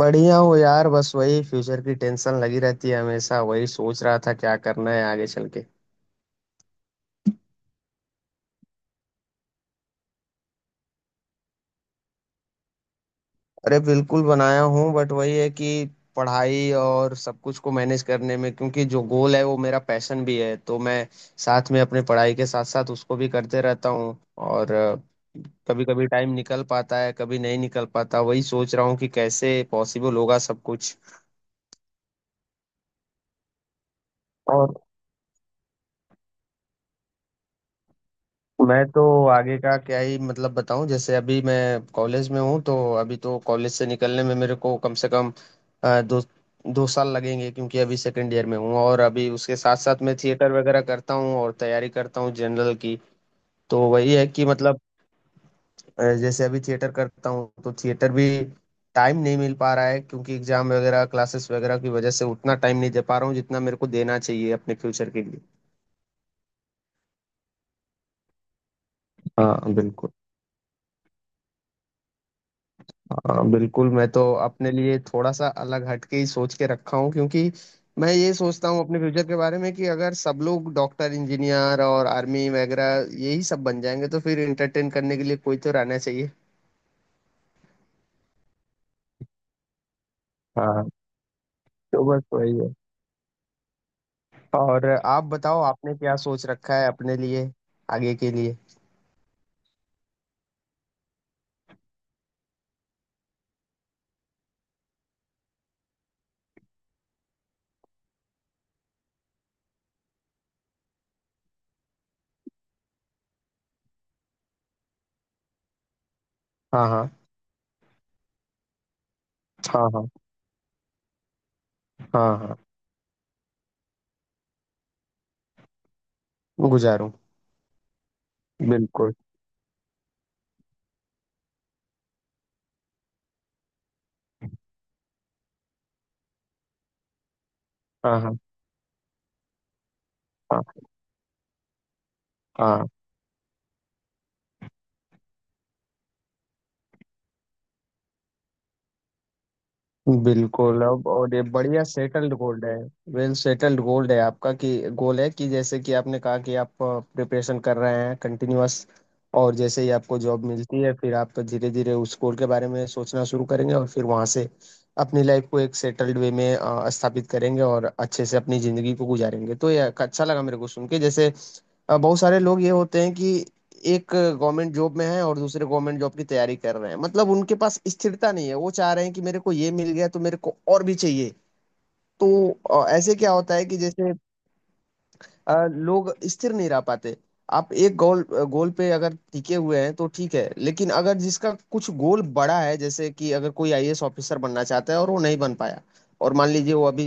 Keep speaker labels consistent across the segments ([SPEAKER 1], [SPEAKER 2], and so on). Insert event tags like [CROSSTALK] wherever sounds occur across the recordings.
[SPEAKER 1] बढ़िया हो यार। बस वही फ्यूचर की टेंशन लगी रहती है हमेशा। वही सोच रहा था क्या करना है आगे चल के। अरे बिल्कुल बनाया हूँ, बट वही है कि पढ़ाई और सब कुछ को मैनेज करने में, क्योंकि जो गोल है वो मेरा पैशन भी है तो मैं साथ में अपने पढ़ाई के साथ साथ उसको भी करते रहता हूँ। और कभी कभी टाइम निकल पाता है, कभी नहीं निकल पाता। वही सोच रहा हूँ कि कैसे पॉसिबल होगा सब कुछ। और मैं तो आगे का क्या ही मतलब बताऊं। जैसे अभी मैं कॉलेज में हूं तो अभी तो कॉलेज से निकलने में मेरे को कम से कम दो दो साल लगेंगे, क्योंकि अभी 2nd ईयर में हूं। और अभी उसके साथ साथ मैं थिएटर वगैरह करता हूं और तैयारी करता हूं जनरल की। तो वही है कि मतलब जैसे अभी थिएटर करता हूं तो थिएटर भी टाइम नहीं मिल पा रहा है, क्योंकि एग्जाम वगैरह क्लासेस वगैरह की वजह से उतना टाइम नहीं दे पा रहा हूँ जितना मेरे को देना चाहिए अपने फ्यूचर के लिए। हाँ बिल्कुल। हाँ बिल्कुल, मैं तो अपने लिए थोड़ा सा अलग हटके ही सोच के रखा हूँ। क्योंकि मैं ये सोचता हूँ अपने फ्यूचर के बारे में, कि अगर सब लोग डॉक्टर इंजीनियर और आर्मी वगैरह यही सब बन जाएंगे तो फिर एंटरटेन करने के लिए कोई तो रहना चाहिए। हाँ। तो बस वही है। और आप बताओ, आपने क्या सोच रखा है अपने लिए आगे के लिए। हाँ हाँ। हाँ हाँ। हाँ हाँ। गुजारूं। बिल्कुल। हाँ हाँ। हाँ हाँ। बिल्कुल। अब और ये बढ़िया सेटल्ड गोल्ड है। वेल सेटल्ड गोल्ड है आपका, कि गोल है कि जैसे कि आपने कहा कि आप प्रिपरेशन कर रहे हैं कंटिन्यूअस, और जैसे ही आपको जॉब मिलती है फिर आप धीरे धीरे उस गोल के बारे में सोचना शुरू करेंगे, और फिर वहां से अपनी लाइफ को एक सेटल्ड वे में स्थापित करेंगे और अच्छे से अपनी जिंदगी को गुजारेंगे। तो ये अच्छा लगा मेरे को सुन के। जैसे बहुत सारे लोग ये होते हैं कि एक गवर्नमेंट जॉब में है और दूसरे गवर्नमेंट जॉब की तैयारी कर रहे हैं, मतलब उनके पास स्थिरता नहीं है। वो चाह रहे हैं कि मेरे को ये मिल गया तो मेरे को और भी चाहिए। तो ऐसे क्या होता है कि जैसे लोग स्थिर नहीं रह पाते। आप एक गोल गोल पे अगर टिके हुए हैं तो ठीक है, लेकिन अगर जिसका कुछ गोल बड़ा है जैसे कि अगर कोई आईएएस ऑफिसर बनना चाहता है और वो नहीं बन पाया, और मान लीजिए वो अभी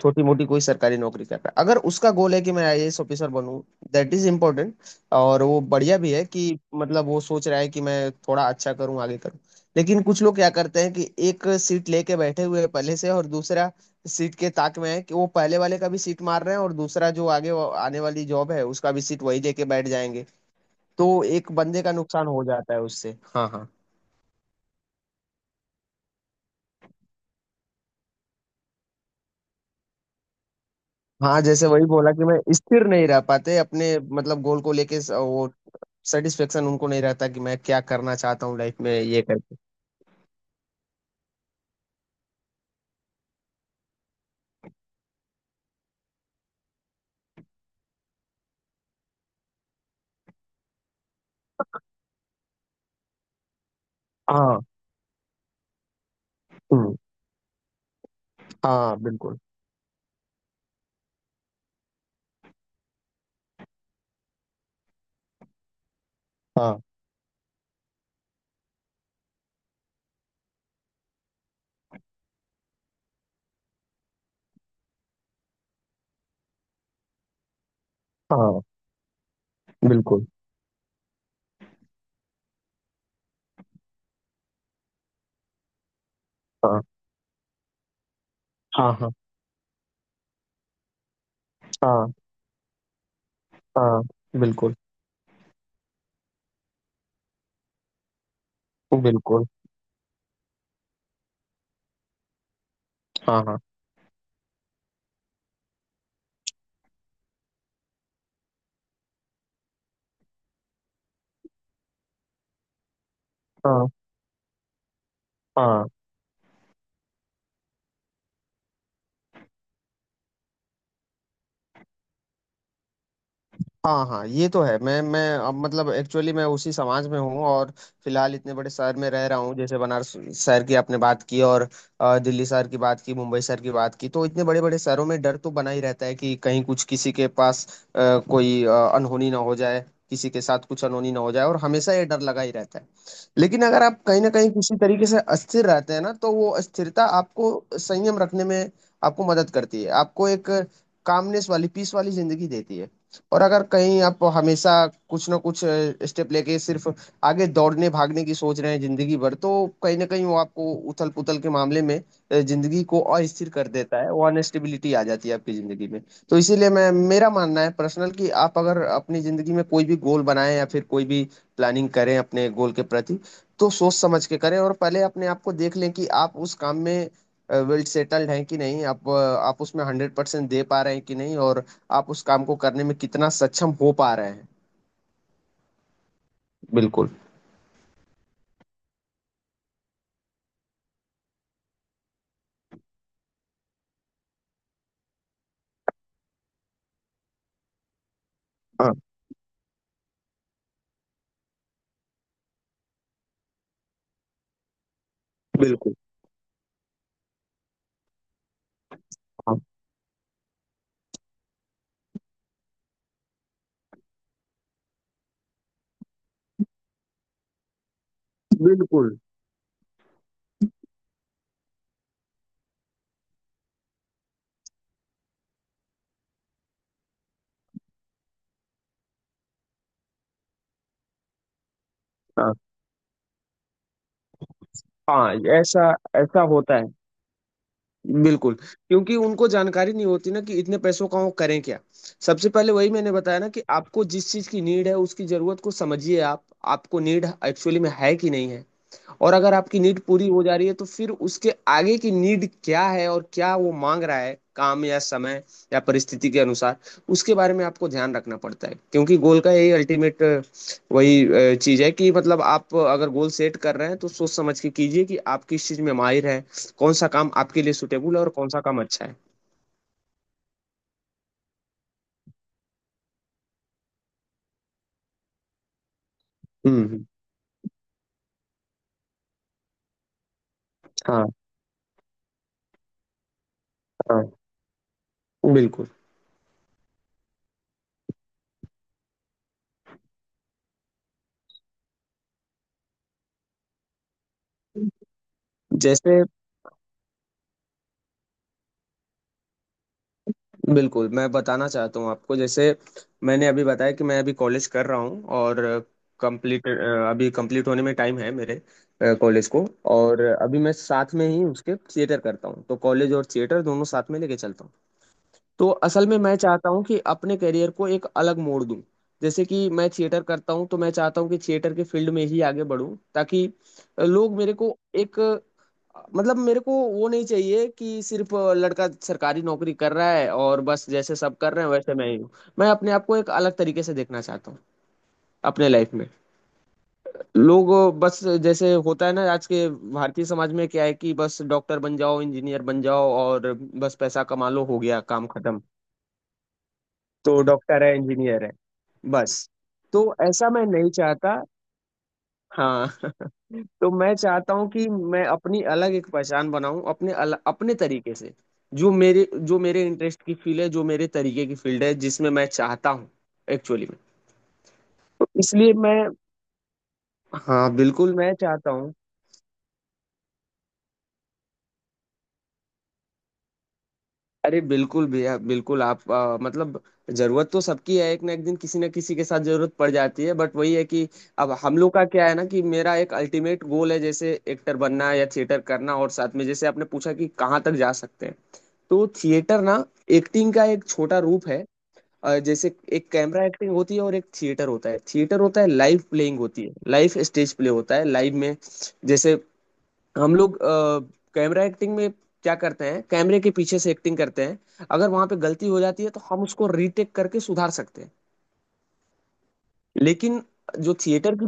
[SPEAKER 1] छोटी मोटी कोई सरकारी नौकरी कर रहा है, अगर उसका गोल है कि मैं आईएएस ऑफिसर बनूं, दैट इज इम्पोर्टेंट। और वो बढ़िया भी है कि मतलब वो सोच रहा है कि मैं थोड़ा अच्छा करूं, आगे करूं। लेकिन कुछ लोग क्या करते हैं कि एक सीट लेके बैठे हुए हैं पहले से, और दूसरा सीट के ताक में है, कि वो पहले वाले का भी सीट मार रहे हैं और दूसरा जो आगे आने वाली जॉब है उसका भी सीट वही लेके बैठ जाएंगे। तो एक बंदे का नुकसान हो जाता है उससे। हाँ हाँ। हाँ, जैसे वही बोला कि मैं स्थिर नहीं रह पाते अपने मतलब गोल को लेके वो सेटिस्फेक्शन उनको नहीं रहता कि मैं क्या करना चाहता हूँ लाइफ में ये करके। हाँ। हम्म। हाँ बिल्कुल। हाँ हाँ। बिल्कुल। हाँ हाँ हाँ। हाँ हाँ। बिल्कुल बिल्कुल। हाँ हाँ। हाँ हाँ। हाँ हाँ। ये तो है। मैं अब मतलब एक्चुअली मैं उसी समाज में हूँ और फिलहाल इतने बड़े शहर में रह रहा हूँ। जैसे बनारस शहर की आपने बात की, और दिल्ली शहर की बात की, मुंबई शहर की बात की, तो इतने बड़े बड़े शहरों में डर तो बना ही रहता है कि कहीं कुछ किसी के पास कोई अनहोनी ना हो जाए, किसी के साथ कुछ अनहोनी ना हो जाए, और हमेशा ये डर लगा ही रहता है। लेकिन अगर आप कहीं ना कहीं किसी तरीके से अस्थिर रहते हैं ना तो वो अस्थिरता आपको संयम रखने में आपको मदद करती है, आपको एक कामनेस वाली पीस वाली जिंदगी देती है। और अगर कहीं आप हमेशा कुछ ना कुछ स्टेप लेके सिर्फ आगे दौड़ने भागने की सोच रहे हैं जिंदगी भर, तो कहीं ना कहीं वो आपको उथल पुथल के मामले में जिंदगी को अस्थिर कर देता है, वो अनस्टेबिलिटी आ जाती है आपकी जिंदगी में। तो इसीलिए मैं, मेरा मानना है पर्सनल, कि आप अगर अपनी जिंदगी में कोई भी गोल बनाएं या फिर कोई भी प्लानिंग करें अपने गोल के प्रति, तो सोच समझ के करें, और पहले अपने आप को देख लें कि आप उस काम में वेल सेटल्ड हैं कि नहीं, आप आप उसमें 100% दे पा रहे हैं कि नहीं, और आप उस काम को करने में कितना सक्षम हो पा रहे हैं। बिल्कुल। हाँ। बिल्कुल। हाँ। बिल्कुल। हाँ हाँ। ऐसा, ऐसा होता है। बिल्कुल, क्योंकि उनको जानकारी नहीं होती ना कि इतने पैसों का वो करें क्या। सबसे पहले वही मैंने बताया ना कि आपको जिस चीज की नीड है उसकी जरूरत को समझिए आप। आपको नीड एक्चुअली में है कि नहीं है, और अगर आपकी नीड पूरी हो जा रही है तो फिर उसके आगे की नीड क्या है, और क्या वो मांग रहा है काम, या समय, या परिस्थिति के अनुसार, उसके बारे में आपको ध्यान रखना पड़ता है। क्योंकि गोल का यही अल्टीमेट, वही चीज है कि मतलब आप अगर गोल सेट कर रहे हैं तो सोच समझ के कीजिए कि आप किस चीज में माहिर है, कौन सा काम आपके लिए सुटेबल है, और कौन सा काम अच्छा है। हम्म। हाँ। हाँ। बिल्कुल। जैसे बिल्कुल मैं बताना चाहता हूँ आपको। जैसे मैंने अभी बताया कि मैं अभी कॉलेज कर रहा हूँ और कंप्लीट, अभी कंप्लीट होने में टाइम है मेरे कॉलेज को, और अभी मैं साथ में ही उसके थिएटर करता हूँ, तो कॉलेज और थिएटर दोनों साथ में लेके चलता हूँ। तो असल में मैं चाहता हूँ कि अपने करियर को एक अलग मोड़ दूं। जैसे कि मैं थिएटर करता हूँ तो मैं चाहता हूँ कि थिएटर के फील्ड में ही आगे बढूं, ताकि लोग मेरे को एक, मतलब मेरे को वो नहीं चाहिए कि सिर्फ लड़का सरकारी नौकरी कर रहा है और बस जैसे सब कर रहे हैं वैसे मैं ही हूँ। मैं अपने आप को एक अलग तरीके से देखना चाहता हूँ अपने लाइफ में। लोग, बस जैसे होता है ना आज के भारतीय समाज में क्या है कि बस डॉक्टर बन जाओ, इंजीनियर बन जाओ, और बस पैसा कमा लो, हो गया काम खत्म। तो डॉक्टर है, इंजीनियर है, बस। तो ऐसा मैं नहीं चाहता। हाँ [LAUGHS] तो मैं चाहता हूँ कि मैं अपनी अलग एक पहचान बनाऊं अपने अपने तरीके से, जो मेरे, जो मेरे इंटरेस्ट की फील्ड है, जो मेरे तरीके की फील्ड है, जिसमें मैं चाहता हूँ एक्चुअली में। तो इसलिए मैं, हाँ बिल्कुल मैं चाहता हूँ। अरे बिल्कुल भैया बिल्कुल, आप मतलब जरूरत तो सबकी है, एक ना एक दिन किसी ना किसी के साथ जरूरत पड़ जाती है। बट वही है कि अब हम लोग का क्या है ना कि मेरा एक अल्टीमेट गोल है जैसे एक्टर बनना या थिएटर करना, और साथ में जैसे आपने पूछा कि कहाँ तक जा सकते हैं, तो थिएटर ना एक्टिंग का एक छोटा रूप है। जैसे एक कैमरा एक्टिंग होती है और एक थिएटर होता है। थिएटर होता है लाइव प्लेइंग होती है, लाइव स्टेज प्ले होता है लाइव में। जैसे हम लोग कैमरा एक्टिंग में क्या करते हैं, कैमरे के पीछे से एक्टिंग करते हैं, अगर वहां पे गलती हो जाती है तो हम उसको रीटेक करके सुधार सकते हैं। लेकिन जो थिएटर की,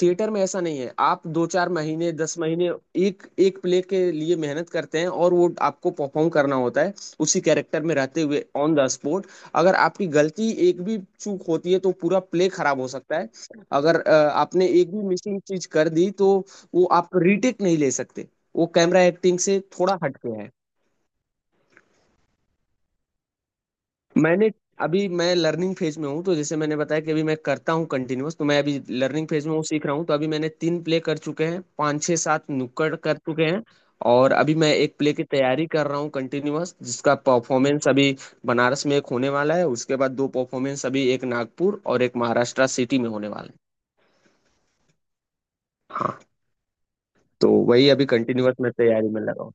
[SPEAKER 1] थिएटर में ऐसा नहीं है। आप 2 4 महीने, 10 महीने एक एक प्ले के लिए मेहनत करते हैं, और वो आपको परफॉर्म करना होता है उसी कैरेक्टर में रहते हुए ऑन द स्पॉट। अगर आपकी गलती एक भी चूक होती है तो पूरा प्ले खराब हो सकता है। अगर आपने एक भी मिसिंग चीज कर दी तो वो आप रीटेक नहीं ले सकते। वो कैमरा एक्टिंग से थोड़ा हटके है। मैंने, अभी मैं लर्निंग फेज में हूँ, तो जैसे मैंने बताया कि अभी मैं करता हूँ कंटिन्यूअस, तो मैं अभी लर्निंग फेज में हूँ, सीख रहा हूँ। तो अभी मैंने 3 प्ले कर चुके हैं, 5 6 7 नुक्कड़ कर चुके हैं। और अभी मैं 1 प्ले की तैयारी कर रहा हूँ कंटिन्यूअस, जिसका परफॉर्मेंस अभी बनारस में एक होने वाला है, उसके बाद 2 परफॉर्मेंस, अभी एक नागपुर और एक महाराष्ट्र सिटी में होने वाला है। हाँ। तो वही अभी कंटिन्यूअस मैं तैयारी में लगा हूँ।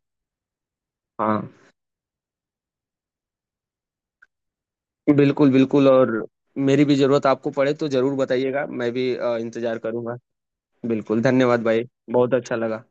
[SPEAKER 1] हाँ बिल्कुल बिल्कुल। और मेरी भी जरूरत आपको पड़े तो जरूर बताइएगा, मैं भी इंतजार करूंगा। बिल्कुल धन्यवाद भाई। बहुत अच्छा लगा।